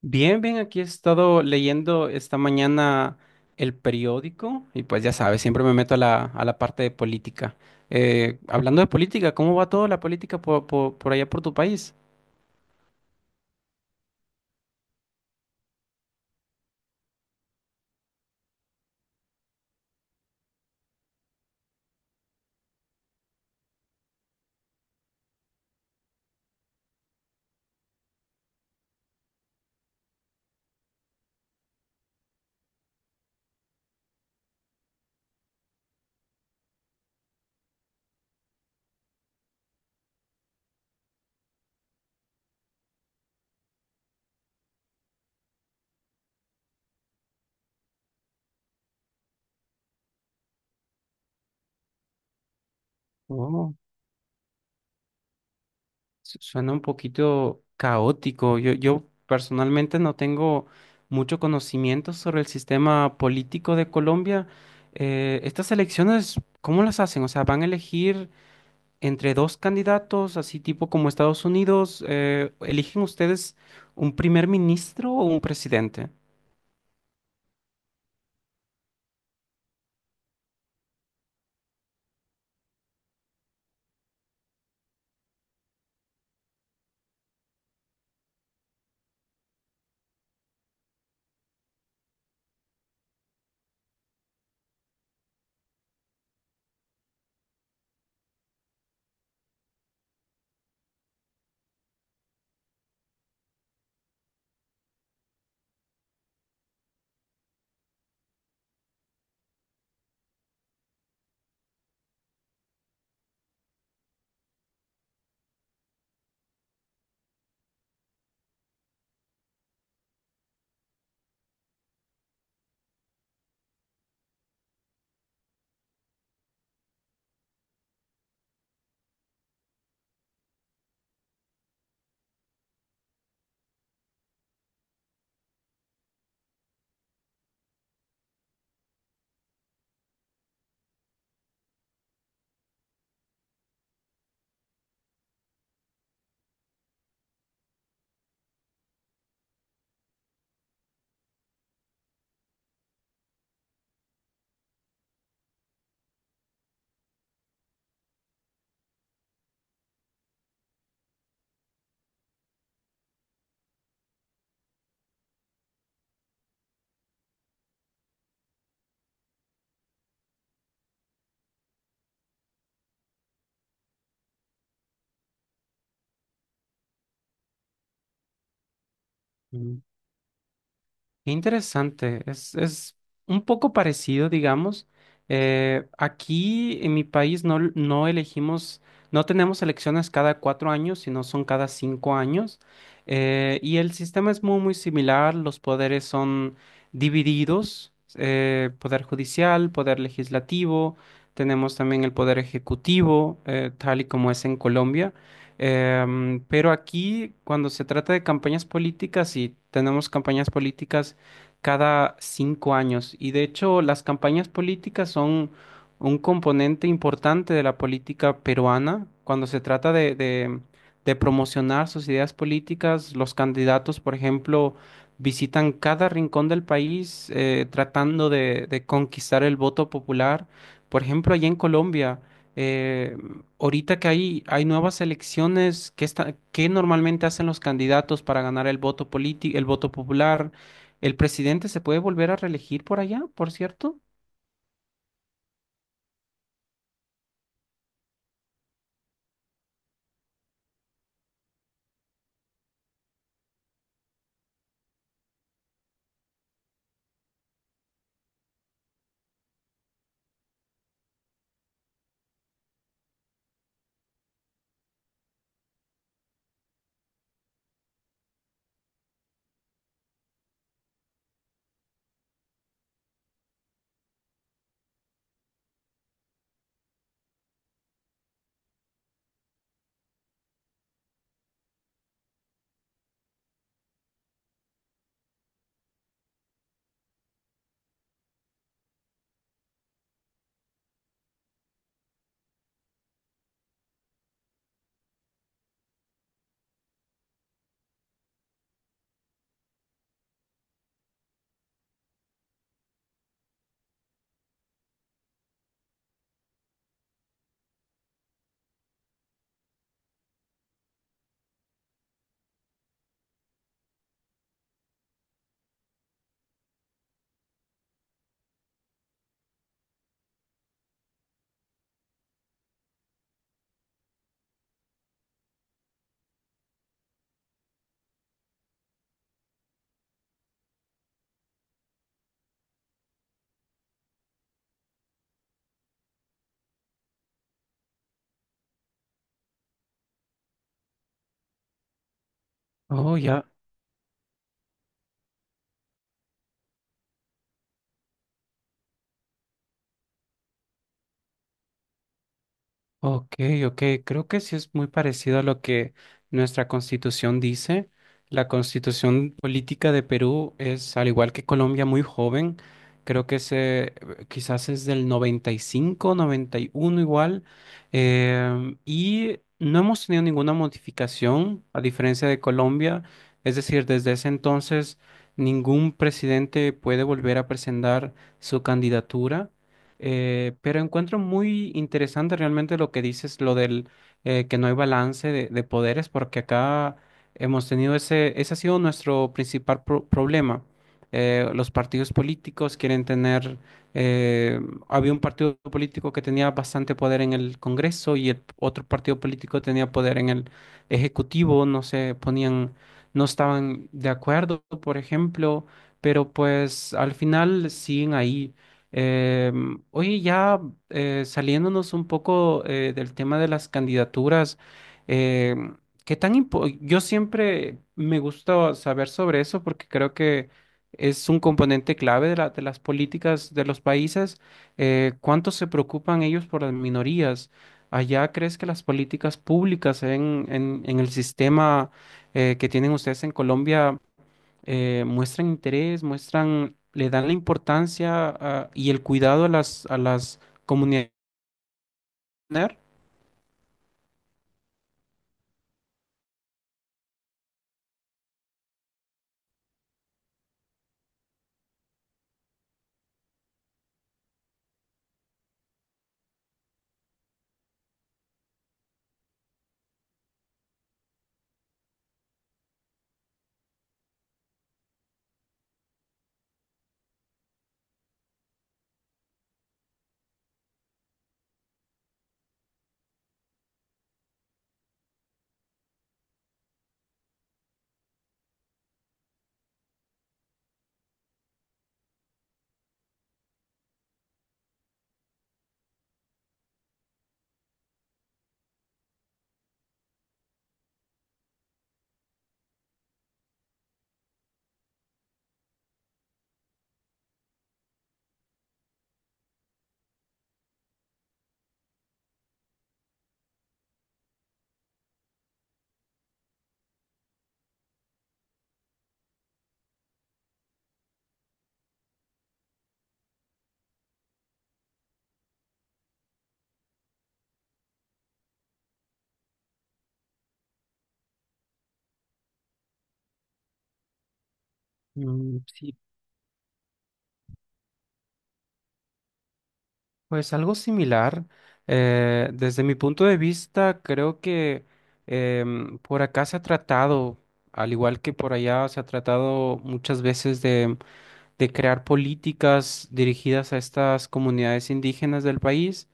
Bien, bien, aquí he estado leyendo esta mañana el periódico y pues ya sabes, siempre me meto a la parte de política. Hablando de política, ¿cómo va toda la política por allá por tu país? Oh, suena un poquito caótico. Yo personalmente no tengo mucho conocimiento sobre el sistema político de Colombia. Estas elecciones, ¿cómo las hacen? O sea, ¿van a elegir entre dos candidatos, así tipo como Estados Unidos? ¿Eligen ustedes un primer ministro o un presidente? Qué interesante, es un poco parecido, digamos. Aquí en mi país no elegimos, no tenemos elecciones cada 4 años, sino son cada 5 años. Y el sistema es muy, muy similar, los poderes son divididos, poder judicial, poder legislativo, tenemos también el poder ejecutivo, tal y como es en Colombia. Pero aquí, cuando se trata de campañas políticas, y tenemos campañas políticas cada 5 años. Y de hecho, las campañas políticas son un componente importante de la política peruana. Cuando se trata de promocionar sus ideas políticas, los candidatos, por ejemplo, visitan cada rincón del país, tratando de conquistar el voto popular. Por ejemplo, allá en Colombia, eh, ahorita que hay nuevas elecciones, ¿qué está, qué normalmente hacen los candidatos para ganar el voto político, el voto popular? ¿El presidente se puede volver a reelegir por allá, por cierto? Oh, ya. Ok, ok, creo que sí es muy parecido a lo que nuestra constitución dice. La constitución política de Perú es, al igual que Colombia, muy joven. Creo que se, quizás es del 90, 95, 91 igual. Y no hemos tenido ninguna modificación, a diferencia de Colombia. Es decir, desde ese entonces ningún presidente puede volver a presentar su candidatura. Pero encuentro muy interesante realmente lo que dices, lo del que no hay balance de poderes, porque acá hemos tenido ese, ese ha sido nuestro principal problema. Los partidos políticos quieren tener, eh, había un partido político que tenía bastante poder en el Congreso y el otro partido político tenía poder en el Ejecutivo, no se ponían, no estaban de acuerdo, por ejemplo, pero pues al final siguen ahí. Oye, ya saliéndonos un poco del tema de las candidaturas, em, ¿qué tan Yo siempre me gusta saber sobre eso porque creo que es un componente clave de de las políticas de los países. ¿Cuánto se preocupan ellos por las minorías? ¿Allá crees que las políticas públicas en el sistema que tienen ustedes en Colombia muestran interés, muestran, le dan la importancia y el cuidado a a las comunidades? Mm, sí, pues algo similar. Desde mi punto de vista, creo que por acá se ha tratado, al igual que por allá, se ha tratado muchas veces de crear políticas dirigidas a estas comunidades indígenas del país,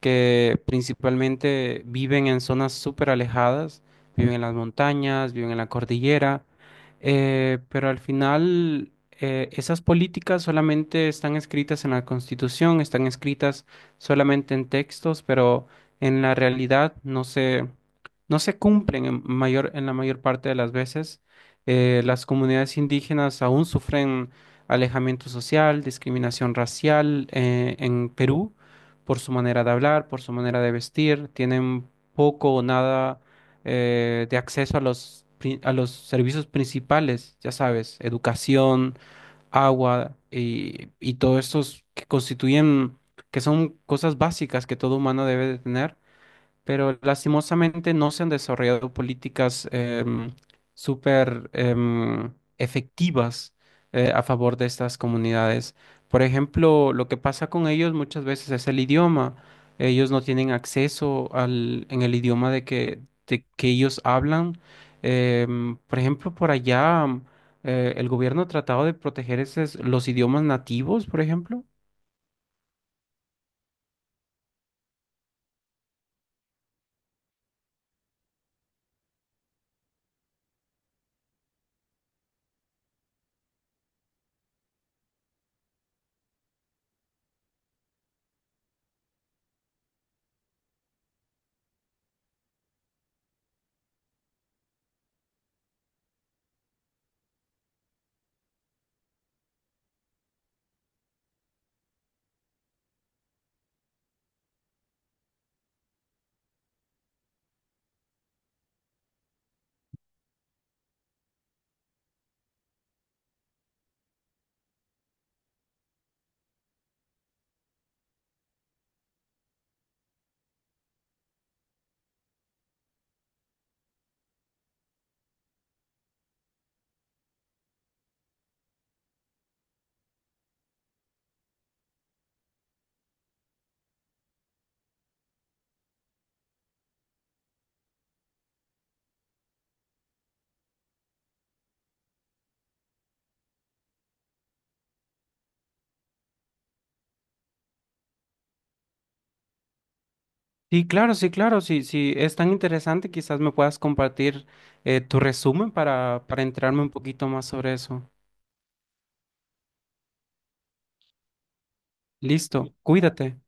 que principalmente viven en zonas súper alejadas, viven en las montañas, viven en la cordillera. Pero al final, esas políticas solamente están escritas en la Constitución, están escritas solamente en textos, pero en la realidad no se cumplen en mayor, en la mayor parte de las veces. Las comunidades indígenas aún sufren alejamiento social, discriminación racial, en Perú por su manera de hablar, por su manera de vestir, tienen poco o nada de acceso a a los servicios principales, ya sabes, educación, agua, y todos estos que constituyen, que son cosas básicas que todo humano debe de tener, pero lastimosamente no se han desarrollado políticas súper efectivas a favor de estas comunidades. Por ejemplo, lo que pasa con ellos muchas veces es el idioma. Ellos no tienen acceso al, en el idioma de que ellos hablan. Por ejemplo, por allá el gobierno ha tratado de proteger esos, los idiomas nativos, por ejemplo. Sí, claro, sí, claro. Sí, sí, es tan interesante, quizás me puedas compartir tu resumen para enterarme un poquito más sobre eso. Listo, cuídate.